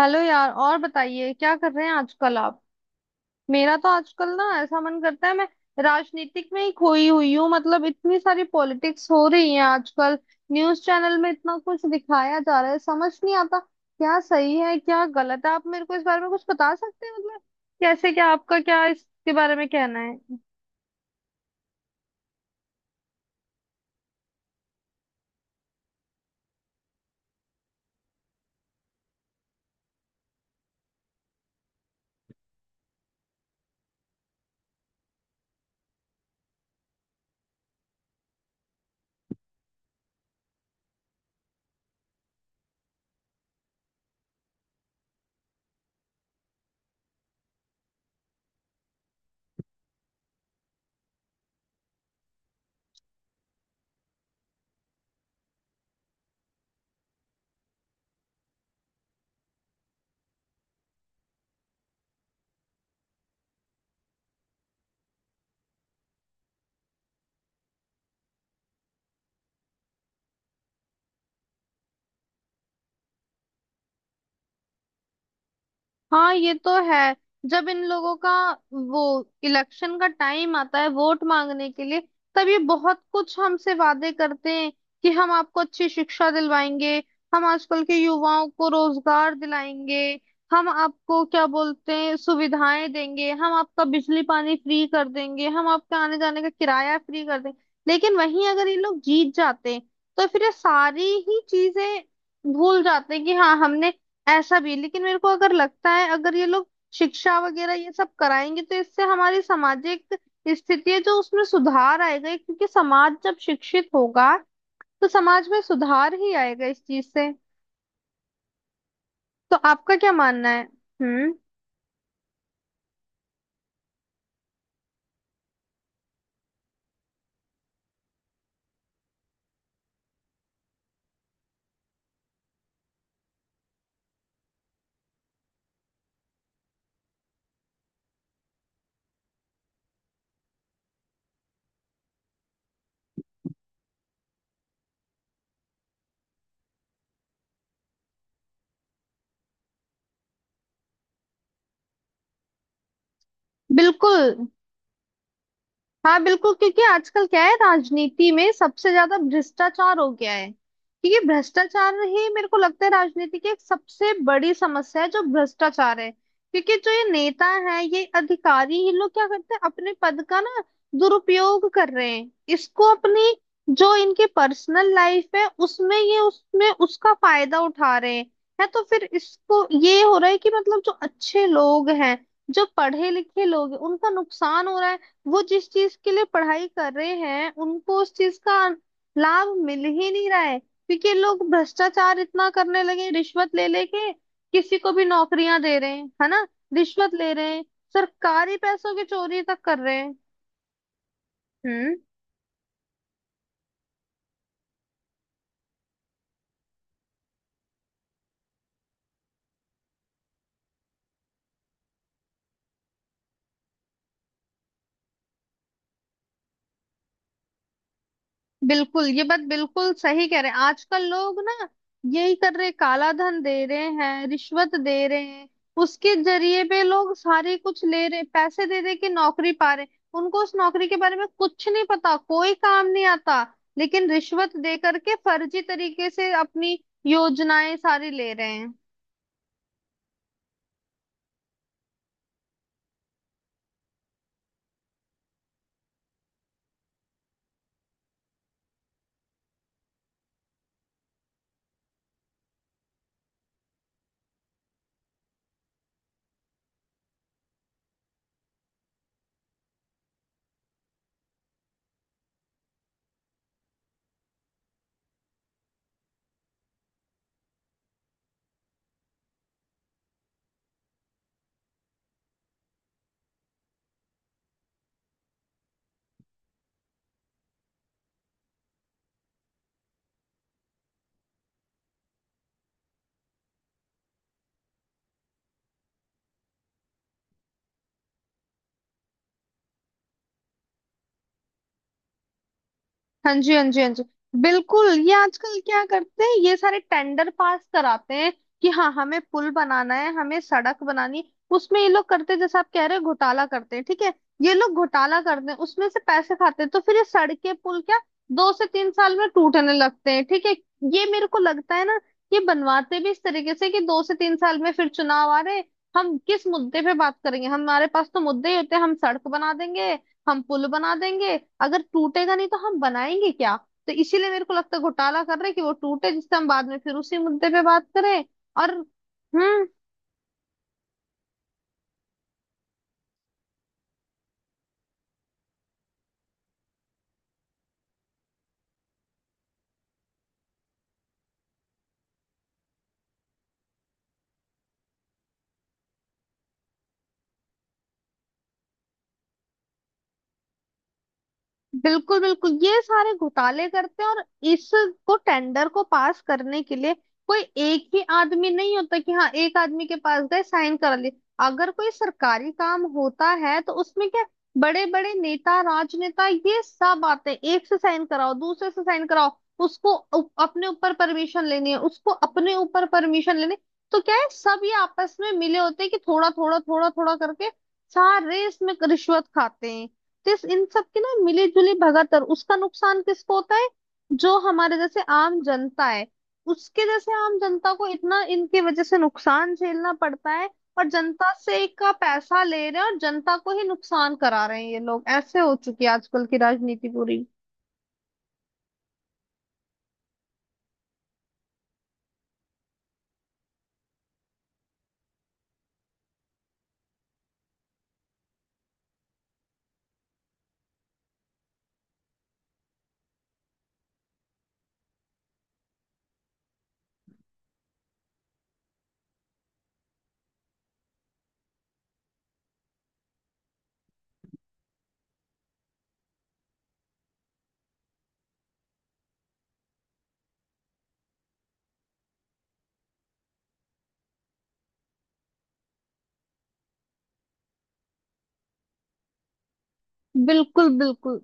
Hello यार। और बताइए क्या कर रहे हैं आजकल आप। मेरा तो आजकल ना ऐसा मन करता है मैं राजनीतिक में ही खोई हुई हूँ। मतलब इतनी सारी पॉलिटिक्स हो रही है आजकल। न्यूज चैनल में इतना कुछ दिखाया जा रहा है, समझ नहीं आता क्या सही है क्या गलत है। आप मेरे को इस बारे में कुछ बता सकते हैं? मतलब कैसे, क्या आपका, क्या इसके बारे में कहना है? हाँ ये तो है। जब इन लोगों का वो इलेक्शन का टाइम आता है वोट मांगने के लिए, तब ये बहुत कुछ हमसे वादे करते हैं कि हम आपको अच्छी शिक्षा दिलवाएंगे, हम आजकल के युवाओं को रोजगार दिलाएंगे, हम आपको क्या बोलते हैं सुविधाएं देंगे, हम आपका बिजली पानी फ्री कर देंगे, हम आपका आने जाने का किराया फ्री कर देंगे। लेकिन वहीं अगर ये लोग जीत जाते हैं तो फिर ये सारी ही चीजें भूल जाते हैं कि हाँ हमने ऐसा भी। लेकिन मेरे को अगर लगता है अगर ये लोग शिक्षा वगैरह ये सब कराएंगे तो इससे हमारी सामाजिक स्थिति है जो उसमें सुधार आएगा, क्योंकि समाज जब शिक्षित होगा तो समाज में सुधार ही आएगा इस चीज से। तो आपका क्या मानना है? हम्म। बिल्कुल। हाँ बिल्कुल, क्योंकि आजकल क्या है राजनीति में सबसे ज्यादा भ्रष्टाचार हो गया है। क्योंकि भ्रष्टाचार ही मेरे को लगता है राजनीति की एक सबसे बड़ी समस्या है जो भ्रष्टाचार है। क्योंकि जो ये नेता है ये अधिकारी ये लोग क्या करते हैं अपने पद का ना दुरुपयोग कर रहे हैं, इसको अपनी जो इनकी पर्सनल लाइफ है उसमें ये उसमें उसका फायदा उठा रहे हैं। है तो फिर इसको ये हो रहा है कि मतलब जो अच्छे लोग हैं जो पढ़े लिखे लोग हैं उनका नुकसान हो रहा है। वो जिस चीज के लिए पढ़ाई कर रहे हैं उनको उस चीज का लाभ मिल ही नहीं रहा है, क्योंकि ये लोग भ्रष्टाचार इतना करने लगे, रिश्वत ले लेके किसी को भी नौकरियां दे रहे हैं है ना, रिश्वत ले रहे हैं, सरकारी पैसों की चोरी तक कर रहे हैं। हम्म। बिल्कुल, ये बात बिल्कुल सही कह रहे हैं। आजकल लोग ना यही कर रहे, काला धन दे रहे हैं, रिश्वत दे रहे हैं, उसके जरिए पे लोग सारे कुछ ले रहे, पैसे दे दे के नौकरी पा रहे, उनको उस नौकरी के बारे में कुछ नहीं पता, कोई काम नहीं आता, लेकिन रिश्वत दे करके फर्जी तरीके से अपनी योजनाएं सारी ले रहे हैं। हाँ जी, हाँ जी, हाँ जी। बिल्कुल। ये आजकल क्या करते हैं ये सारे टेंडर पास कराते हैं कि हाँ हमें पुल बनाना है हमें सड़क बनानी है। उसमें ये लोग करते हैं जैसे आप कह रहे हो घोटाला करते हैं, ठीक है। ये लोग घोटाला करते हैं, उसमें से पैसे खाते हैं तो फिर ये सड़कें पुल क्या दो से तीन साल में टूटने लगते हैं, ठीक है। ये मेरे को लगता है ना ये बनवाते भी इस तरीके से कि दो से तीन साल में फिर चुनाव आ रहे हैं, हम किस मुद्दे पे बात करेंगे, हमारे पास तो मुद्दे ही होते हैं, हम सड़क बना देंगे, हम पुल बना देंगे। अगर टूटेगा नहीं तो हम बनाएंगे क्या? तो इसीलिए मेरे को लगता है घोटाला कर रहे हैं कि वो टूटे जिससे हम बाद में फिर उसी मुद्दे पे बात करें। और हम्म। बिल्कुल बिल्कुल, ये सारे घोटाले करते हैं। और इसको टेंडर को पास करने के लिए कोई एक ही आदमी नहीं होता कि हाँ एक आदमी के पास गए साइन करा लिए। अगर कोई सरकारी काम होता है तो उसमें क्या बड़े बड़े नेता राजनेता ये सब आते हैं, एक से साइन कराओ दूसरे से साइन कराओ, उसको अपने ऊपर परमिशन लेनी है, उसको अपने ऊपर परमिशन लेनी। तो क्या है सब ये आपस में मिले होते हैं कि थोड़ा थोड़ा थोड़ा थोड़ा करके सारे इसमें रिश्वत खाते हैं। तो इन सब की ना मिली जुली भगत है। और उसका नुकसान किसको होता है? जो हमारे जैसे आम जनता है, उसके जैसे आम जनता को इतना इनकी वजह से नुकसान झेलना पड़ता है। और जनता से का पैसा ले रहे हैं और जनता को ही नुकसान करा रहे हैं ये लोग, ऐसे हो चुकी है आजकल की राजनीति पूरी। बिल्कुल बिल्कुल।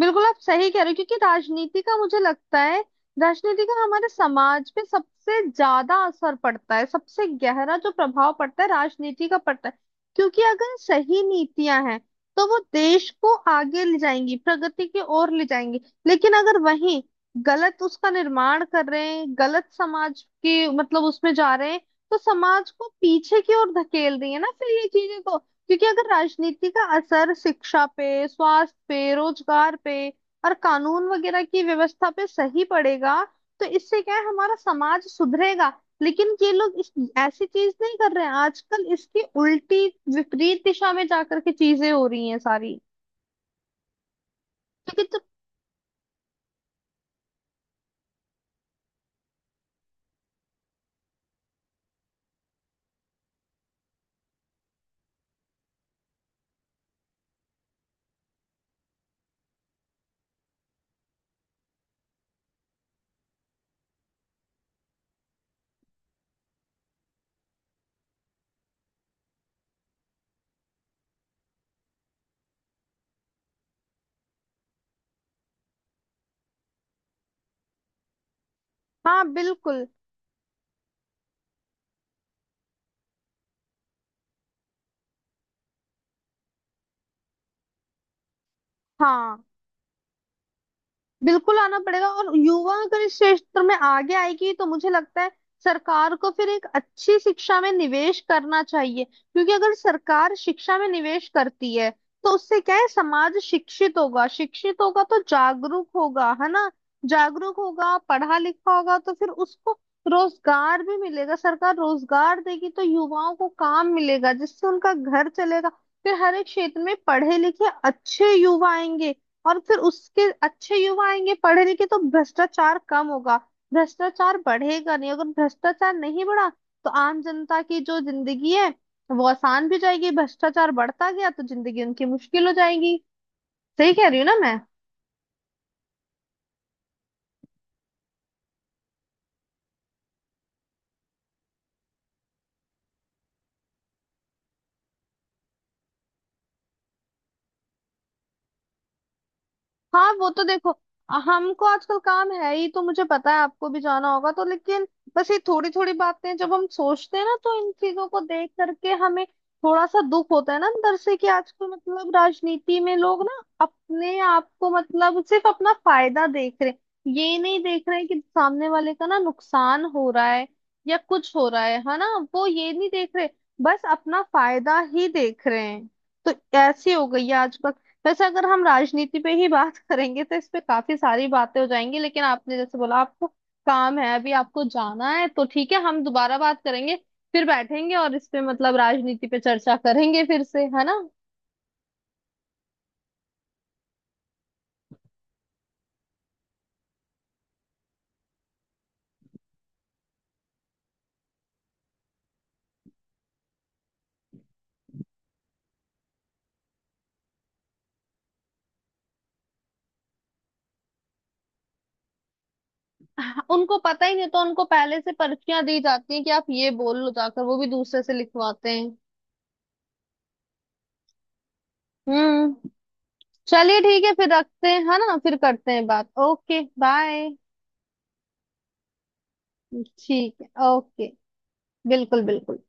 बिल्कुल आप सही कह रहे हो, क्योंकि राजनीति का मुझे लगता है राजनीति का हमारे समाज पे सबसे ज्यादा असर पड़ता है, सबसे गहरा जो प्रभाव पड़ता है राजनीति का पड़ता है। क्योंकि अगर सही नीतियां हैं तो वो देश को आगे ले जाएंगी, प्रगति की ओर ले जाएंगी। लेकिन अगर वहीं गलत उसका निर्माण कर रहे हैं, गलत समाज की मतलब उसमें जा रहे हैं, तो समाज को पीछे की ओर धकेल रही है ना फिर ये चीजें तो। क्योंकि अगर राजनीति का असर शिक्षा पे, स्वास्थ्य पे, रोजगार पे और कानून वगैरह की व्यवस्था पे सही पड़ेगा तो इससे क्या है हमारा समाज सुधरेगा। लेकिन ये लोग इस ऐसी चीज नहीं कर रहे हैं आजकल, इसकी उल्टी विपरीत दिशा में जाकर के चीजें हो रही हैं सारी। क्योंकि तो। हाँ बिल्कुल। हाँ बिल्कुल आना पड़ेगा। और युवा अगर इस क्षेत्र में आगे आएगी तो मुझे लगता है सरकार को फिर एक अच्छी शिक्षा में निवेश करना चाहिए, क्योंकि अगर सरकार शिक्षा में निवेश करती है तो उससे क्या है समाज शिक्षित होगा, शिक्षित होगा तो जागरूक होगा है ना। जागरूक होगा पढ़ा लिखा होगा तो फिर उसको रोजगार भी मिलेगा, सरकार रोजगार देगी तो युवाओं को काम मिलेगा जिससे उनका घर चलेगा। फिर हर एक क्षेत्र में पढ़े लिखे अच्छे युवा आएंगे और फिर उसके अच्छे युवा आएंगे पढ़े लिखे तो भ्रष्टाचार कम होगा, भ्रष्टाचार बढ़ेगा नहीं। अगर भ्रष्टाचार नहीं बढ़ा तो आम जनता की जो जिंदगी है वो आसान भी जाएगी, भ्रष्टाचार बढ़ता गया तो जिंदगी उनकी मुश्किल हो जाएगी। सही कह रही हूँ ना मैं? हाँ वो तो देखो, हमको आजकल काम है ही तो मुझे पता है आपको भी जाना होगा तो। लेकिन बस ये थोड़ी थोड़ी बातें जब हम सोचते हैं ना तो इन चीजों को देख करके हमें थोड़ा सा दुख होता है ना अंदर से, कि आजकल मतलब राजनीति में लोग ना अपने आप को मतलब सिर्फ अपना फायदा देख रहे हैं, ये नहीं देख रहे हैं कि सामने वाले का ना नुकसान हो रहा है या कुछ हो रहा है ना। वो ये नहीं देख रहे, बस अपना फायदा ही देख रहे हैं। तो ऐसी हो गई है आज। वैसे अगर हम राजनीति पे ही बात करेंगे तो इस पे काफी सारी बातें हो जाएंगी, लेकिन आपने जैसे बोला आपको काम है अभी आपको जाना है तो ठीक है, हम दोबारा बात करेंगे, फिर बैठेंगे और इस पे मतलब राजनीति पे चर्चा करेंगे फिर से है ना। उनको पता ही नहीं तो उनको पहले से पर्चियां दी जाती हैं कि आप ये बोल लो जाकर, वो भी दूसरे से लिखवाते हैं। हम्म। चलिए ठीक है फिर रखते हैं है ना, फिर करते हैं बात। Okay bye. ठीक है। ओके। बिल्कुल बिल्कुल।